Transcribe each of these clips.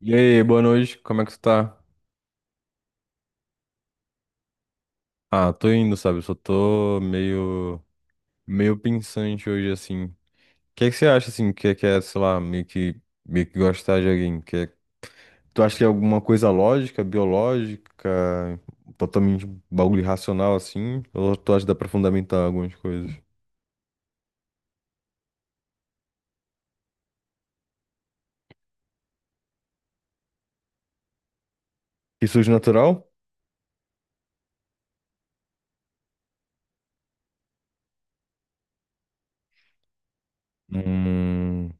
E aí, boa noite, como é que tu tá? Ah, tô indo, sabe? Eu só tô meio pensante hoje, assim. O que é que você acha, assim, que é, sei lá, meio que gostar de alguém? Tu acha que é alguma coisa lógica, biológica, totalmente bagulho racional, assim? Ou tu acha que dá pra fundamentar algumas coisas? Que surge natural? Hum...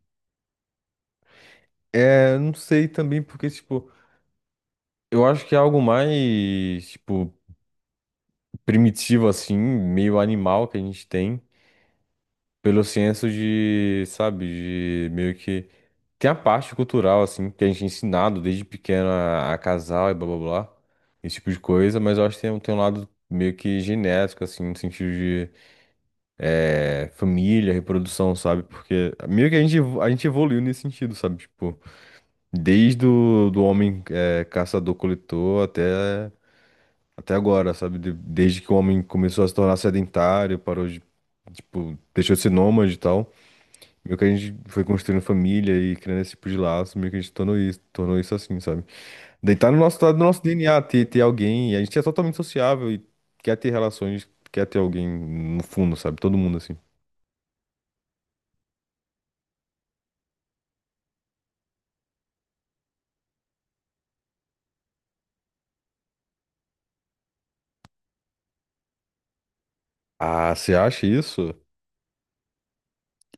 É, não sei também, porque, tipo, eu acho que é algo mais, tipo, primitivo, assim, meio animal que a gente tem, pelo senso de, sabe, de meio que. Tem a parte cultural, assim, que a gente é ensinado desde pequeno a casar e blá blá blá, esse tipo de coisa, mas eu acho que tem, tem um lado meio que genético, assim, no sentido de família, reprodução, sabe? Porque meio que a gente evoluiu nesse sentido, sabe? Tipo, desde o do homem caçador-coletor até agora, sabe? Desde que o homem começou a se tornar sedentário, parou de, tipo, deixou de ser nômade e tal. Meio que a gente foi construindo família e criando esse tipo de laço, meio que a gente tornou isso assim, sabe? Daí tá no nosso DNA ter alguém, e a gente é totalmente sociável e quer ter relações, quer ter alguém no fundo, sabe? Todo mundo assim. Ah, você acha isso?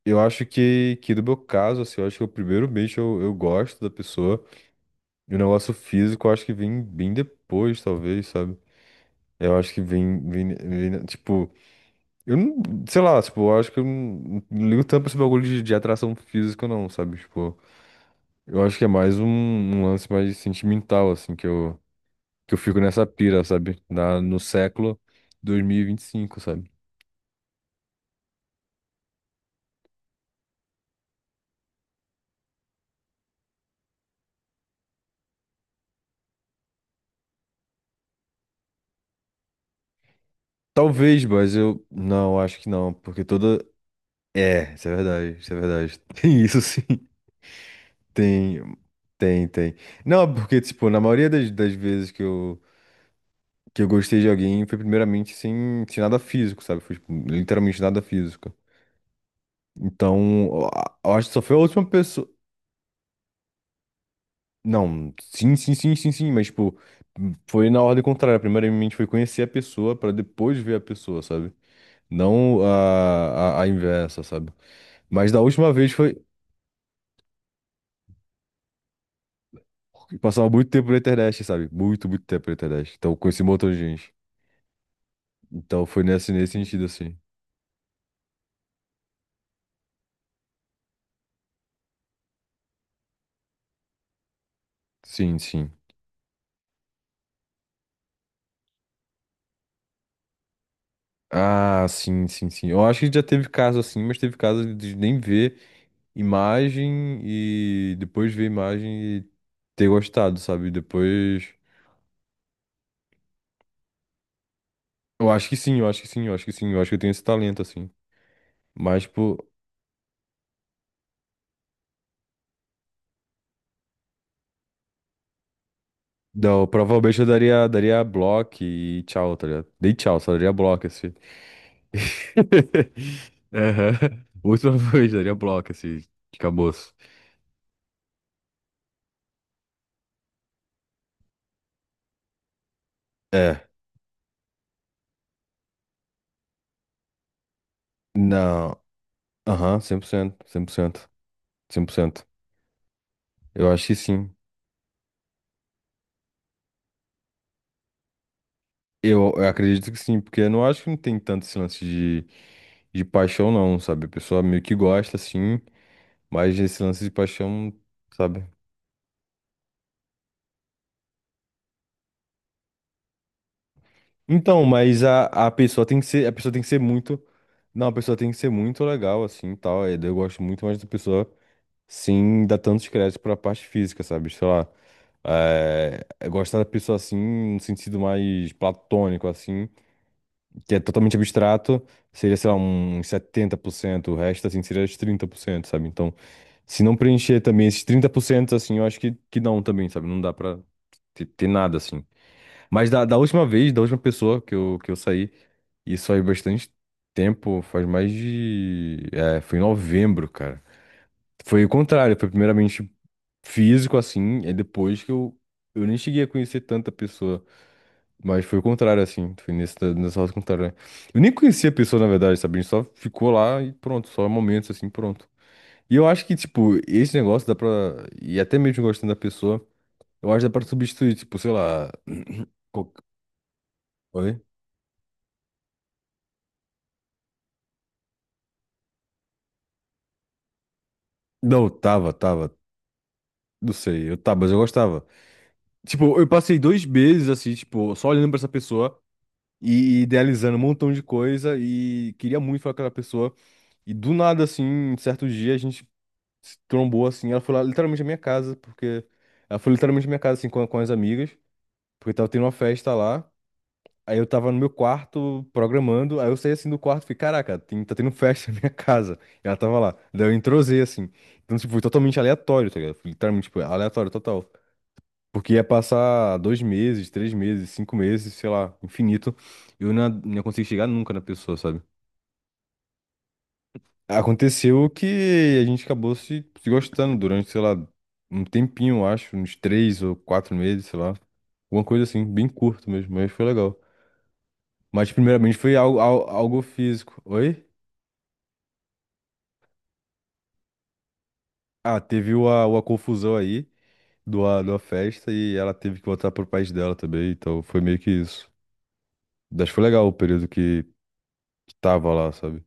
Eu acho que no meu caso, assim, eu acho que o primeiro beijo eu gosto da pessoa, e o negócio físico eu acho que vem bem depois, talvez, sabe? Eu acho que vem tipo. Eu não, sei lá, tipo, eu acho que eu não ligo tanto pra esse bagulho de atração física, não, sabe? Tipo, eu acho que é mais um lance mais sentimental, assim, que eu fico nessa pira, sabe? Na, no século 2025, sabe? Talvez, mas eu não, acho que não, porque toda. É, isso é verdade, isso é verdade. Tem isso sim. Tem, tem, tem. Não, porque, tipo, na maioria das vezes que eu gostei de alguém foi primeiramente sem nada físico, sabe? Foi, tipo, literalmente nada físico. Então, eu acho que só foi a última pessoa. Não, sim, sim, sim, sim, sim, mas, tipo, foi na ordem contrária. Primeiramente foi conhecer a pessoa pra depois ver a pessoa, sabe? Não a inversa, sabe? Mas da última vez foi. Passava muito tempo na internet, sabe? Muito, muito tempo na internet. Então, eu conheci um montão de gente. Então, foi nesse sentido, assim. Sim, sim. Ah, sim, sim, sim. Eu acho que já teve caso assim, mas teve caso de nem ver imagem e depois ver a imagem e ter gostado, sabe? Depois. Eu acho que sim, eu acho que sim, eu acho que sim, eu acho que eu tenho esse talento, assim. Mas, tipo, não, provavelmente eu daria bloco e tchau, tá ligado? Dei tchau, só daria bloco, assim. Aham. Muito provavelmente daria bloco, assim, acabou-se. É, não. Aham, 100% 100%, cem por cento. Eu acho que sim. Eu acredito que sim, porque eu não acho que não tem tanto esse lance de paixão, não, sabe? A pessoa meio que gosta, sim, mas esse lance de paixão, sabe? Então, mas a pessoa tem que ser, a pessoa tem que ser muito. Não, a pessoa tem que ser muito legal, assim, e tal. E daí eu gosto muito mais da pessoa sem dar tantos créditos pra parte física, sabe? Sei lá. É gostar da pessoa assim, no sentido mais platônico, assim. Que é totalmente abstrato, seria, sei lá, uns 70%, o resto, assim, seria os 30%, sabe? Então, se não preencher também esses 30% assim, eu acho que não também, sabe? Não dá pra ter nada, assim. Mas da última vez, da última pessoa que eu saí, isso faz bastante tempo, faz mais de... É, foi em novembro, cara. Foi o contrário, foi primeiramente físico, assim, é depois que eu nem cheguei a conhecer tanta pessoa. Mas foi o contrário, assim. Foi nesse, nessa roça contrária, né? Eu nem conhecia a pessoa, na verdade, sabe? A gente só ficou lá e pronto, só momentos assim, pronto. E eu acho que, tipo, esse negócio dá pra. E até mesmo gostando da pessoa, eu acho que dá pra substituir, tipo, sei lá. qual- Oi? Não, tava, tava. Não sei, eu tava, mas eu gostava. Tipo, eu passei 2 meses, assim, tipo, só olhando pra essa pessoa e idealizando um montão de coisa e queria muito falar com aquela pessoa. E do nada, assim, certo dia, a gente se trombou assim. Ela foi lá literalmente na minha casa, porque. Ela foi literalmente na minha casa, assim, com as amigas, porque tava tendo uma festa lá. Aí eu tava no meu quarto programando, aí eu saí assim do quarto e fiquei, caraca, tá tendo festa na minha casa. E ela tava lá. Daí eu entrosei assim. Então, tipo, foi totalmente aleatório, tá ligado? Foi literalmente, tipo, aleatório total. Porque ia passar 2 meses, 3 meses, 5 meses, sei lá, infinito. E eu não ia conseguir chegar nunca na pessoa, sabe? Aconteceu que a gente acabou se gostando durante, sei lá, um tempinho, eu acho, uns 3 ou 4 meses, sei lá. Alguma coisa assim, bem curto mesmo, mas foi legal. Mas primeiramente foi algo, algo físico. Oi? Ah, teve uma confusão aí da festa e ela teve que voltar pro país dela também, então foi meio que isso. Mas foi legal o período que tava lá, sabe?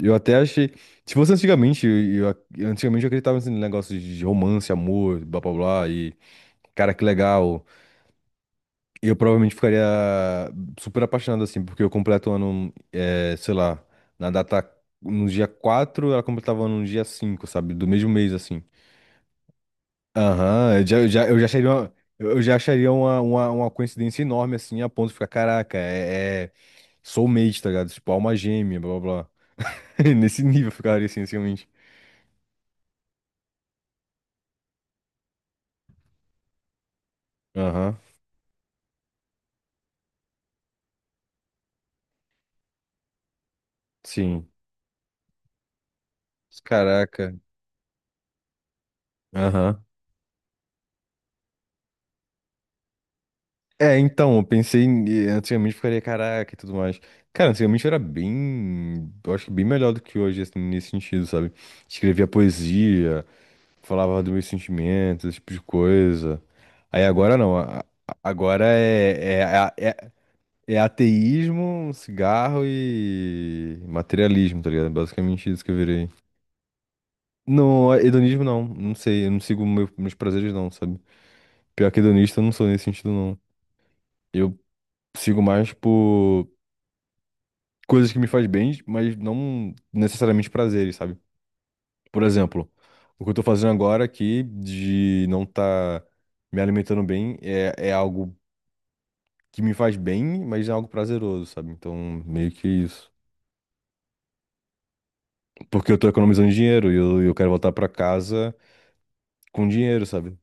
Eu até achei. Se fosse antigamente, antigamente eu acreditava nesse negócio de romance, amor, blá blá blá, e cara, que legal. Eu provavelmente ficaria super apaixonado, assim, porque eu completo o ano, sei lá, na data, no dia 4, ela completava o ano no dia 5, sabe? Do mesmo mês, assim. Aham, eu já acharia uma coincidência enorme, assim, a ponto de ficar, caraca, é soulmate, tá ligado? Tipo, alma gêmea, blá, blá, blá. Nesse nível eu ficaria, assim, realmente. Aham, sim. Caraca. Aham. É, então, eu pensei, antigamente eu ficaria caraca e tudo mais. Cara, antigamente era bem, eu acho que bem melhor do que hoje, assim, nesse sentido, sabe? Escrevia poesia, falava dos meus sentimentos, esse tipo de coisa. Aí agora não, agora é, é, é é ateísmo, cigarro e materialismo, tá ligado? Basicamente isso que eu virei. Não, hedonismo não, não sei, eu não sigo meus prazeres não, sabe? Pior que hedonista eu não sou nesse sentido não. Eu sigo mais por coisas que me faz bem, mas não necessariamente prazeres, sabe? Por exemplo, o que eu tô fazendo agora aqui de não tá me alimentando bem é algo que me faz bem, mas é algo prazeroso, sabe? Então, meio que isso. Porque eu tô economizando dinheiro e eu quero voltar pra casa com dinheiro, sabe?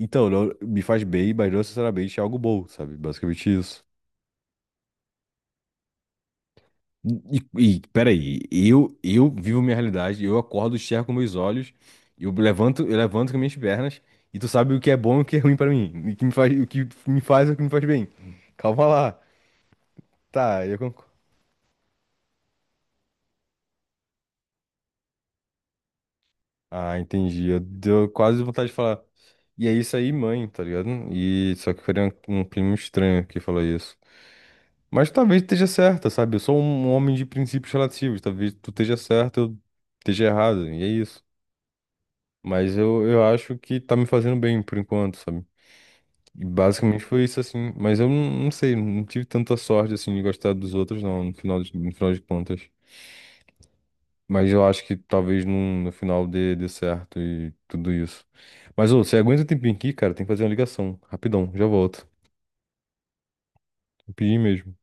Então, me faz bem, mas não necessariamente é algo bom, sabe? Basicamente isso. E peraí, eu vivo minha realidade, eu acordo, enxergo com meus olhos, eu levanto com minhas pernas, e tu sabe o que é bom e o que é ruim pra mim, e o que me faz, o que me faz e o que me faz bem. Calma lá. Tá, eu concordo. Ah, entendi. Eu deu quase vontade de falar. E é isso aí, mãe, tá ligado? E só que foi um primo estranho que falou isso. Mas talvez esteja certa, sabe? Eu sou um homem de princípios relativos. Talvez tu esteja certo, eu esteja errado. E é isso. Mas eu acho que tá me fazendo bem por enquanto, sabe? E basicamente foi isso, assim. Mas eu não sei, não tive tanta sorte, assim, de gostar dos outros, não, no final de contas. Mas eu acho que talvez no final dê certo e tudo isso. Mas, ô, você aguenta um tempinho aqui, cara? Tem que fazer uma ligação. Rapidão, já volto. Rapidinho mesmo.